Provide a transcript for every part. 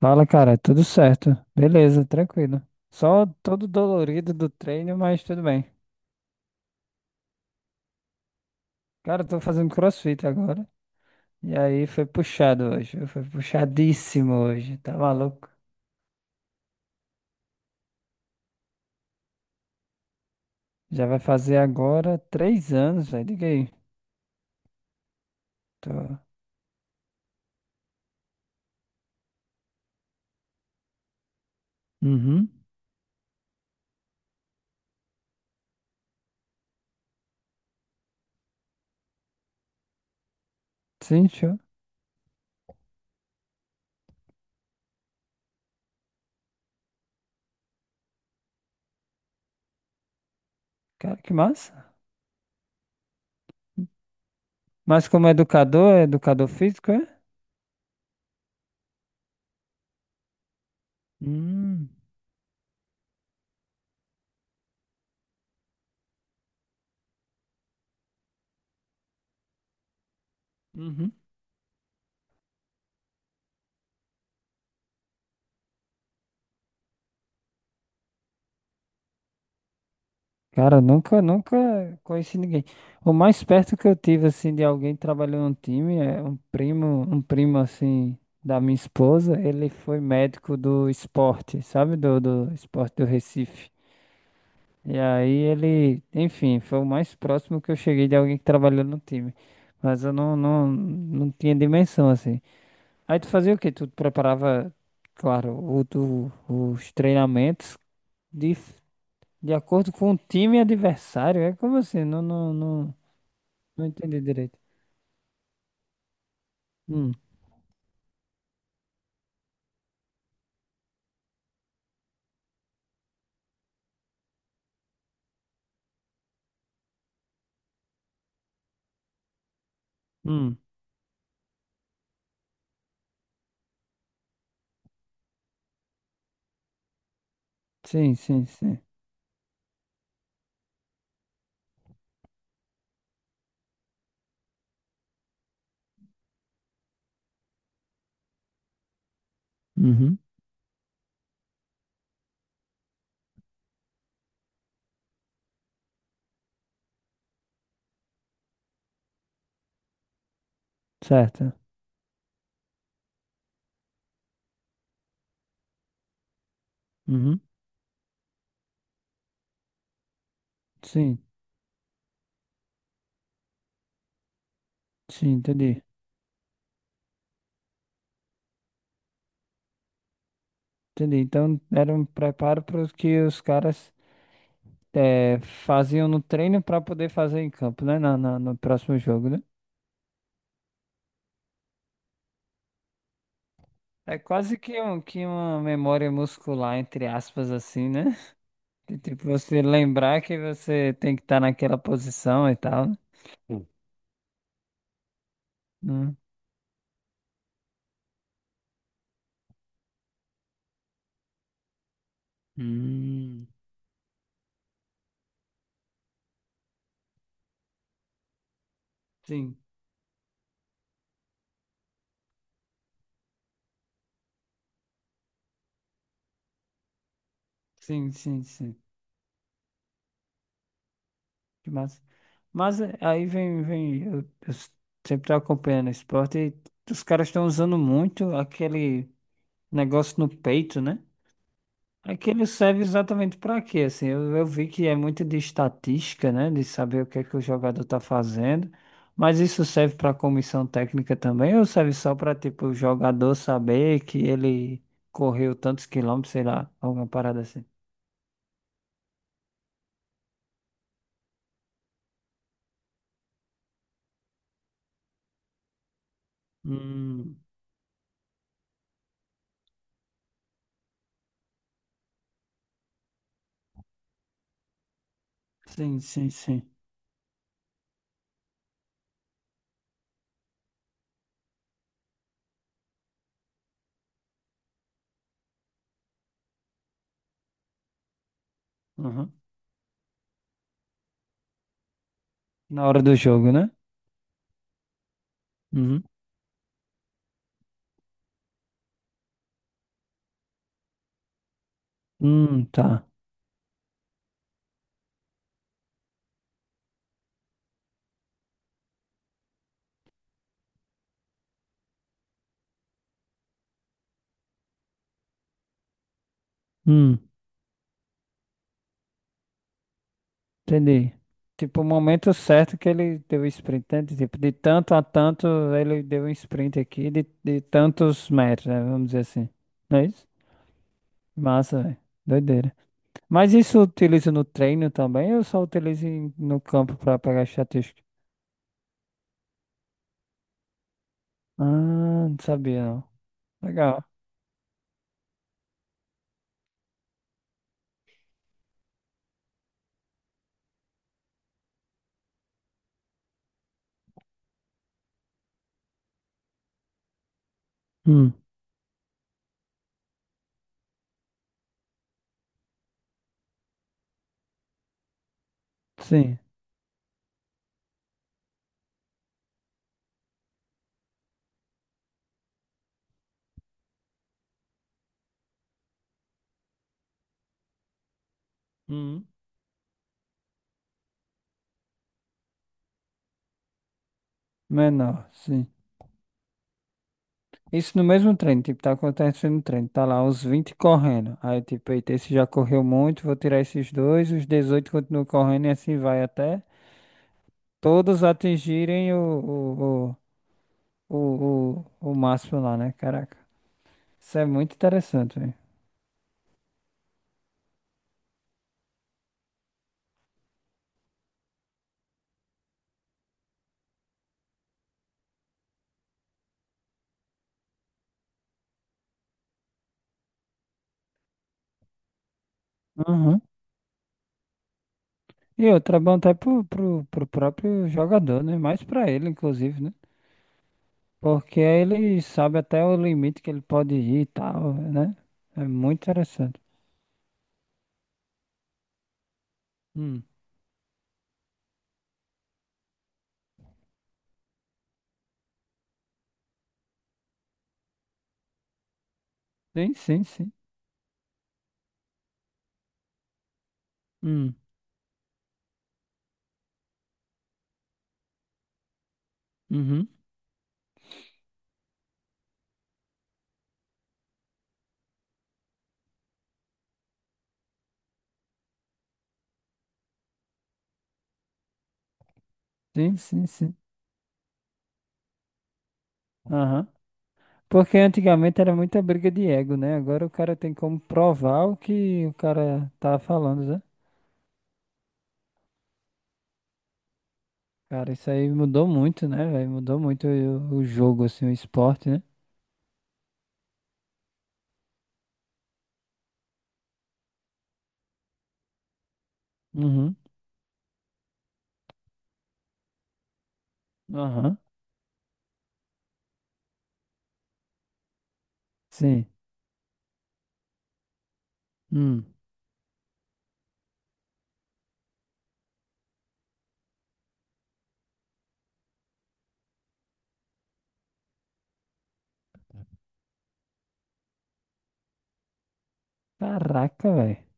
Fala, cara, tudo certo. Beleza, tranquilo. Só todo dolorido do treino, mas tudo bem. Cara, eu tô fazendo CrossFit agora. E aí foi puxado hoje. Foi puxadíssimo hoje. Tá maluco? Já vai fazer agora 3 anos, velho. Diga aí. Tô... Uhum. Sim, show. Cara, que massa. Mas como educador, é educador físico, é? Hum. Uhum. Cara, nunca conheci ninguém. O mais perto que eu tive, assim, de alguém trabalhando no time é um primo, assim, da minha esposa. Ele foi médico do esporte, sabe? Do esporte do Recife. E aí ele, enfim, foi o mais próximo que eu cheguei de alguém que trabalhou no time. Mas eu não tinha dimensão, assim. Aí tu fazia o quê? Tu preparava, claro, os treinamentos de de acordo com o time adversário? É como assim? Não, não entendi direito. Hum, hum. Sim, sim, sim. Uhum. Certo. Uhum. Sim, sim, entendi. Entendi. Então era um preparo para os que os caras eh, faziam no treino para poder fazer em campo, né? No próximo jogo, né? É quase que uma memória muscular, entre aspas, assim, né? De, tipo, você lembrar que você tem que estar naquela posição e tal, né? Hum. Hum. Sim. Sim, sim, sim. Que massa. Mas aí vem, sempre tô acompanhando esporte e os caras estão usando muito aquele negócio no peito, né? Aquele serve exatamente para quê? Assim, eu vi que é muito de estatística, né? De saber o que é que o jogador tá fazendo. Mas isso serve para comissão técnica também ou serve só para tipo o jogador saber que ele correu tantos quilômetros, sei lá, alguma parada assim? Hum, sim, sim, sim. Na hora do jogo, né? Uhum. Tá. Hum, entendi. Tipo, o momento certo que ele deu o sprint, né? De tipo, de tanto a tanto, ele deu um sprint aqui de tantos metros, né? Vamos dizer assim. Não é isso? Massa, velho. Doideira. Mas isso utiliza no treino também ou só utiliza no campo pra pegar estatística? Ah, não sabia, não. Legal. Hum, sim. Hum. Menor, sim. Isso no mesmo treino, tipo, tá acontecendo no treino, tá lá os 20 correndo. Aí, tipo, eita, esse já correu muito, vou tirar esses dois, os 18 continuam correndo e assim vai até todos atingirem o máximo lá, né? Caraca, isso é muito interessante, velho. Uhum. E outra, é bom até pro próprio jogador, né? Mais pra ele, inclusive, né? Porque aí ele sabe até o limite que ele pode ir e tal, né? É muito interessante. Hum. Sim, sim, sim. Hum. Uhum. Sim, sim, sim. Aham. Porque antigamente era muita briga de ego, né? Agora o cara tem como provar o que o cara tá falando, né? Cara, isso aí mudou muito, né, velho? Mudou muito o jogo, assim, o esporte, né? Uhum. Aham. Sim. Hum. Caraca, velho.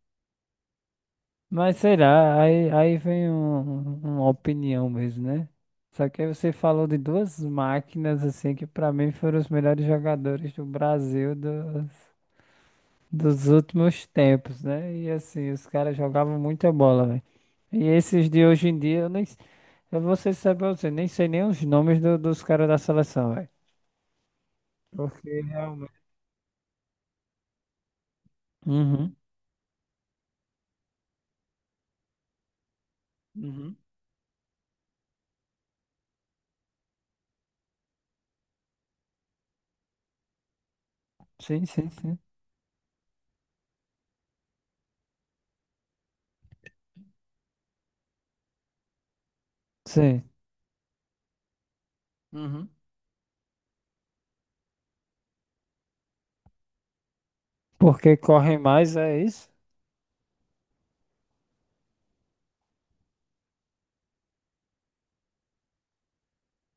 Mas sei lá, aí, aí vem um- um, uma opinião mesmo, né? Só que aí você falou de duas máquinas, assim, que pra mim foram os melhores jogadores do Brasil dos últimos tempos, né? E assim, os caras jogavam muita bola, velho. E esses de hoje em dia, eu nem, eu vou ser sincero pra você, nem sei nem os nomes dos caras da seleção, velho. Porque realmente. Uhum. Uhum, sim, sim, sim. Sim. Uhum. Porque correm mais, é isso?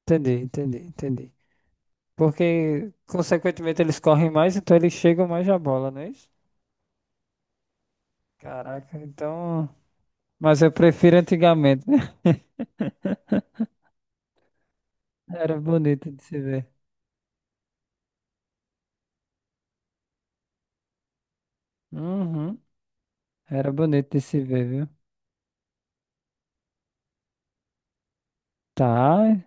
Entendi, entendi, entendi. Porque, consequentemente, eles correm mais, então eles chegam mais à bola, não é isso? Caraca, então. Mas eu prefiro antigamente, né? Era bonito de se ver. Uhum. Era bonito de se ver, viu? Tá,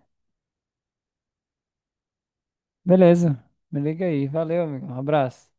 beleza. Me liga aí. Valeu, amigo. Um abraço.